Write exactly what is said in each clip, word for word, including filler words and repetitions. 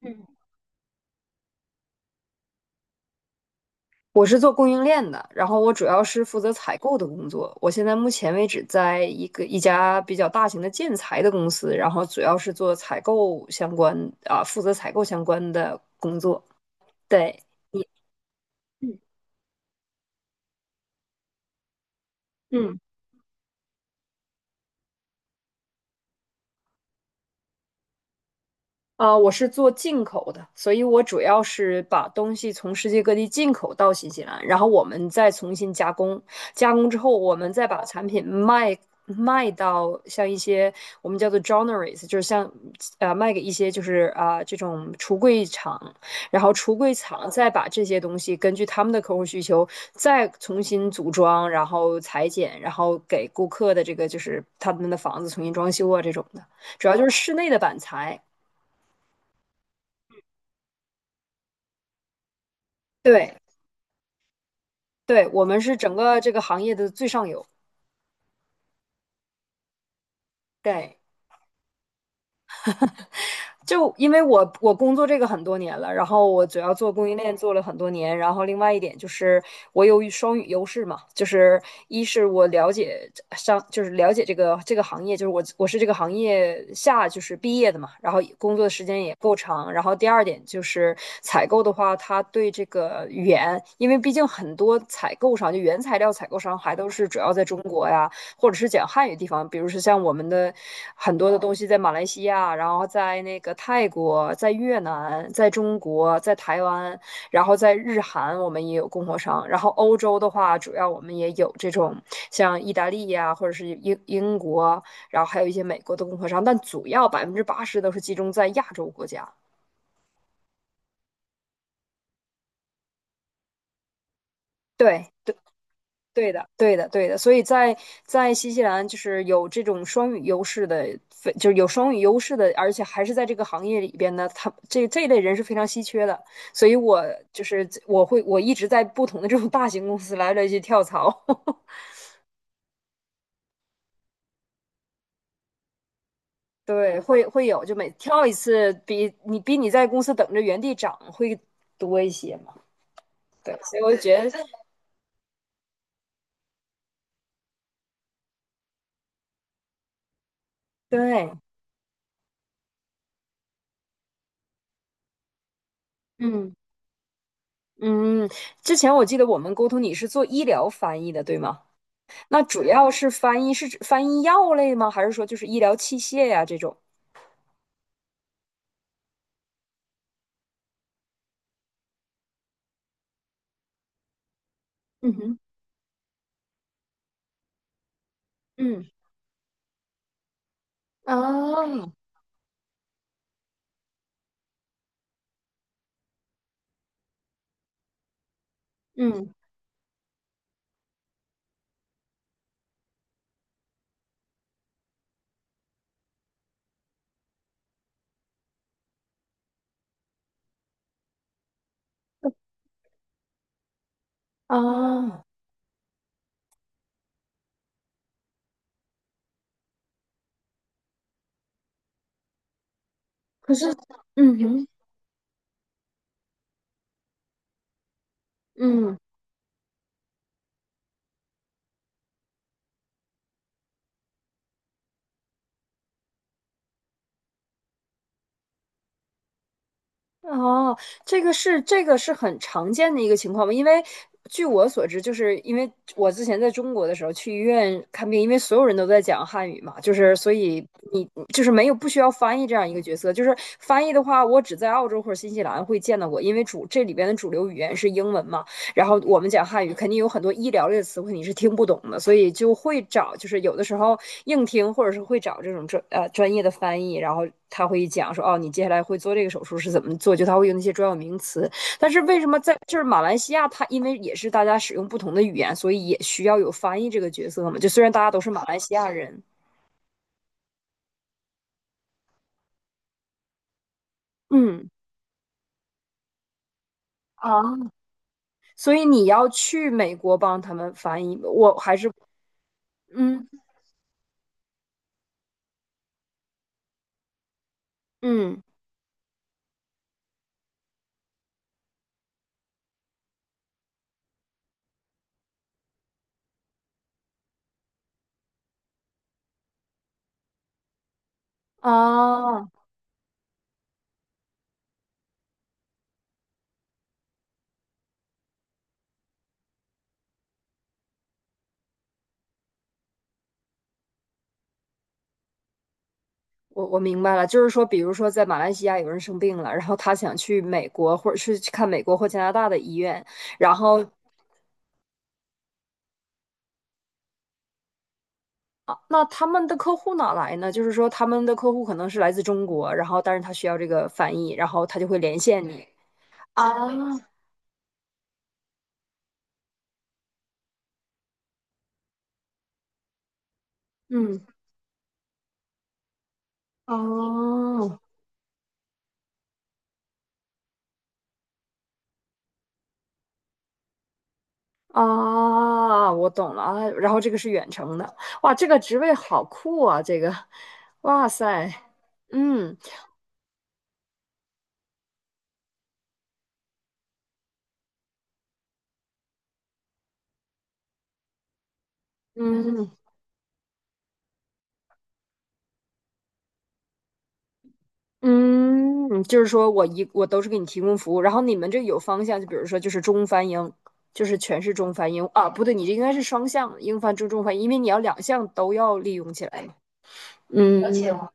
嗯，我是做供应链的，然后我主要是负责采购的工作。我现在目前为止在一个一家比较大型的建材的公司，然后主要是做采购相关啊，负责采购相关的工作。对，嗯，嗯。啊，我是做进口的，所以我主要是把东西从世界各地进口到新西兰，然后我们再重新加工，加工之后我们再把产品卖卖到像一些我们叫做 joineries，就是像呃卖给一些就是啊、这种橱柜厂，然后橱柜厂再把这些东西根据他们的客户需求再重新组装，然后裁剪，然后给顾客的这个就是他们的房子重新装修啊这种的，主要就是室内的板材，对。对，我们是整个这个行业的最上游。对，就因为我我工作这个很多年了，然后我主要做供应链做了很多年，然后另外一点就是我有双语优势嘛，就是一是我了解上就是了解这个这个行业，就是我我是这个行业下就是毕业的嘛，然后工作的时间也够长，然后第二点就是采购的话，他对这个语言，因为毕竟很多采购商就原材料采购商还都是主要在中国呀，或者是讲汉语地方，比如说像我们的很多的东西在马来西亚，然后在那个泰国、在越南、在中国、在台湾，然后在日韩，我们也有供货商。然后欧洲的话，主要我们也有这种像意大利呀、或者是英英国，然后还有一些美国的供货商，但主要百分之八十都是集中在亚洲国家。对，对的，对的，对的。所以在在新西兰，就是有这种双语优势的，非就是有双语优势的，而且还是在这个行业里边呢，他这这一类人是非常稀缺的。所以我就是我会我一直在不同的这种大型公司来来去跳槽，对，会会有，就每跳一次比你比你在公司等着原地涨会多一些嘛。对，所以我觉得 对，嗯嗯。之前我记得我们沟通你是做医疗翻译的，对吗？那主要是翻译，是指翻译药类吗？还是说就是医疗器械呀、这种？嗯哼，嗯，哦，嗯，哦，可是，嗯哼，嗯，哦，这个是这个是很常见的一个情况吧？因为据我所知，就是因为我之前在中国的时候去医院看病，因为所有人都在讲汉语嘛，就是所以你就是没有不需要翻译这样一个角色。就是翻译的话，我只在澳洲或者新西兰会见到过，因为主这里边的主流语言是英文嘛。然后我们讲汉语，肯定有很多医疗类的词汇你是听不懂的，所以就会找，就是有的时候硬听，或者是会找这种专呃专业的翻译，然后他会讲说，哦，你接下来会做这个手术是怎么做，就他会用那些专有名词。但是为什么在就是马来西亚，他因为也是大家使用不同的语言，所以也需要有翻译这个角色嘛？就虽然大家都是马来西亚人，嗯，啊，所以你要去美国帮他们翻译，我还是嗯嗯啊。我我明白了，就是说，比如说在马来西亚有人生病了，然后他想去美国，或者是去看美国或加拿大的医院，然后啊，那他们的客户哪来呢？就是说他们的客户可能是来自中国，然后但是他需要这个翻译，然后他就会连线你啊，嗯，哦。啊，我懂了啊，然后这个是远程的，哇，这个职位好酷啊，这个，哇塞，嗯嗯。嗯，就是说我一我都是给你提供服务，然后你们这有方向，就比如说就是中翻英，就是全是中翻英啊，不对，你这应该是双向英翻中中翻英，因为你要两项都要利用起来嘛。嗯而且嗯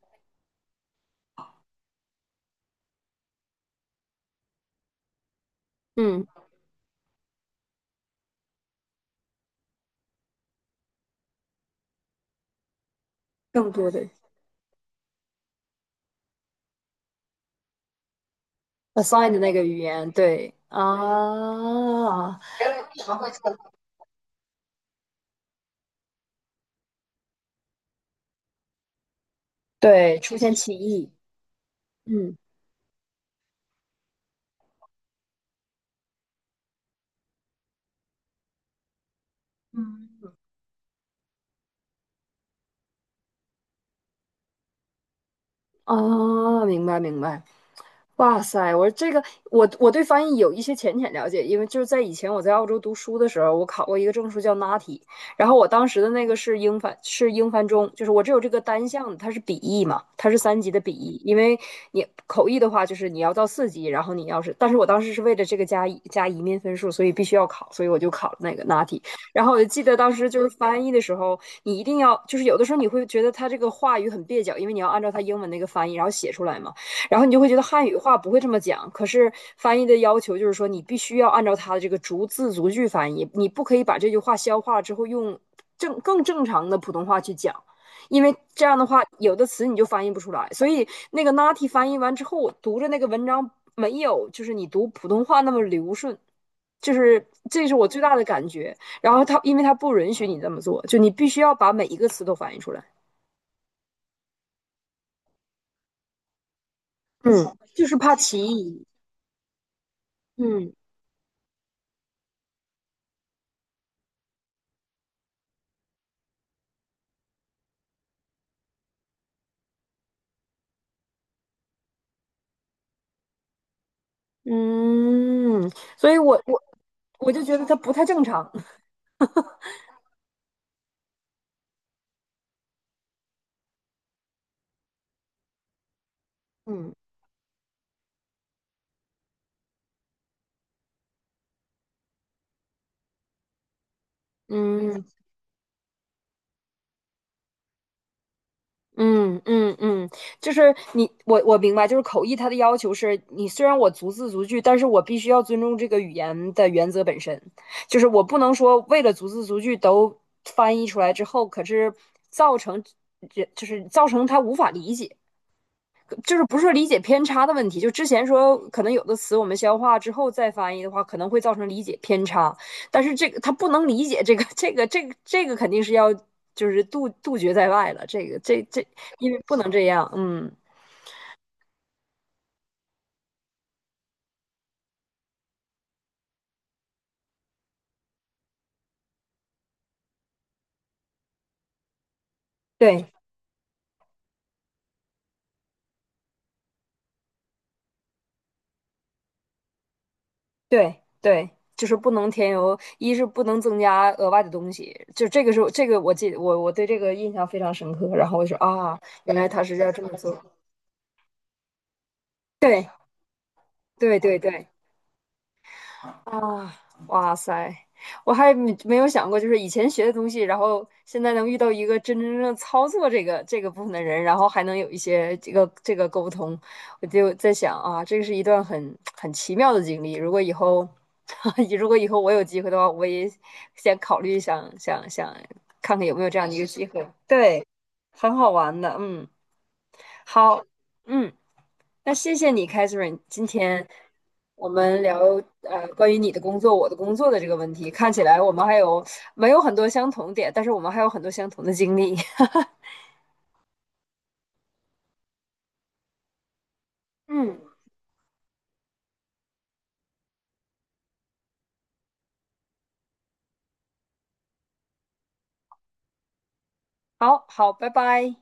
嗯，更多的 assign 的那个语言，对啊，人为什么会做对，出现歧义，嗯嗯。啊，明白明白。哇塞！我说这个，我我对翻译有一些浅浅了解，因为就是在以前我在澳洲读书的时候，我考过一个证书叫 N A T I，然后我当时的那个是英翻，是英翻中，就是我只有这个单项的，它是笔译嘛，它是三级的笔译，因为你口译的话就是你要到四级，然后你要是，但是我当时是为了这个加一加移民分数，所以必须要考，所以我就考了那个 N A T I，然后我就记得当时就是翻译的时候，你一定要就是有的时候你会觉得它这个话语很蹩脚，因为你要按照它英文那个翻译然后写出来嘛。然后你就会觉得汉语话不会这么讲，可是翻译的要求就是说，你必须要按照它的这个逐字逐句翻译，你不可以把这句话消化了之后用正更正常的普通话去讲，因为这样的话有的词你就翻译不出来。所以那个 Nati 翻译完之后，我读着那个文章没有就是你读普通话那么流顺，就是这是我最大的感觉。然后他因为他不允许你这么做，就你必须要把每一个词都翻译出来，嗯，就是怕歧义，嗯。嗯，所以我我我就觉得它不太正常。嗯嗯嗯嗯嗯，就是你我我明白，就是口译它的要求是你虽然我逐字逐句，但是我必须要尊重这个语言的原则本身，就是我不能说为了逐字逐句都翻译出来之后，可是造成这就是造成他无法理解。就是不是说理解偏差的问题，就之前说可能有的词我们消化之后再翻译的话，可能会造成理解偏差，但是这个他不能理解这个这个这个这个肯定是要就是杜杜绝在外了，这个这这因为不能这样，嗯，对对对，就是不能添油，一是不能增加额外的东西，就这个是这个我记得我我对这个印象非常深刻，然后我就说啊，原来他是要这么做，对对对对啊，哇塞，我还没没有想过，就是以前学的东西，然后现在能遇到一个真真正正操作这个这个部分的人，然后还能有一些这个这个沟通，我就在想啊，这个是一段很很奇妙的经历。如果以后，如果以后我有机会的话，我也先考虑想想想看看有没有这样的一个机会。对，很好玩的，嗯，好，嗯。那谢谢你，Catherine。今天我们聊呃关于你的工作、我的工作的这个问题，看起来我们还有没有很多相同点，但是我们还有很多相同的经历。嗯，好好，拜拜。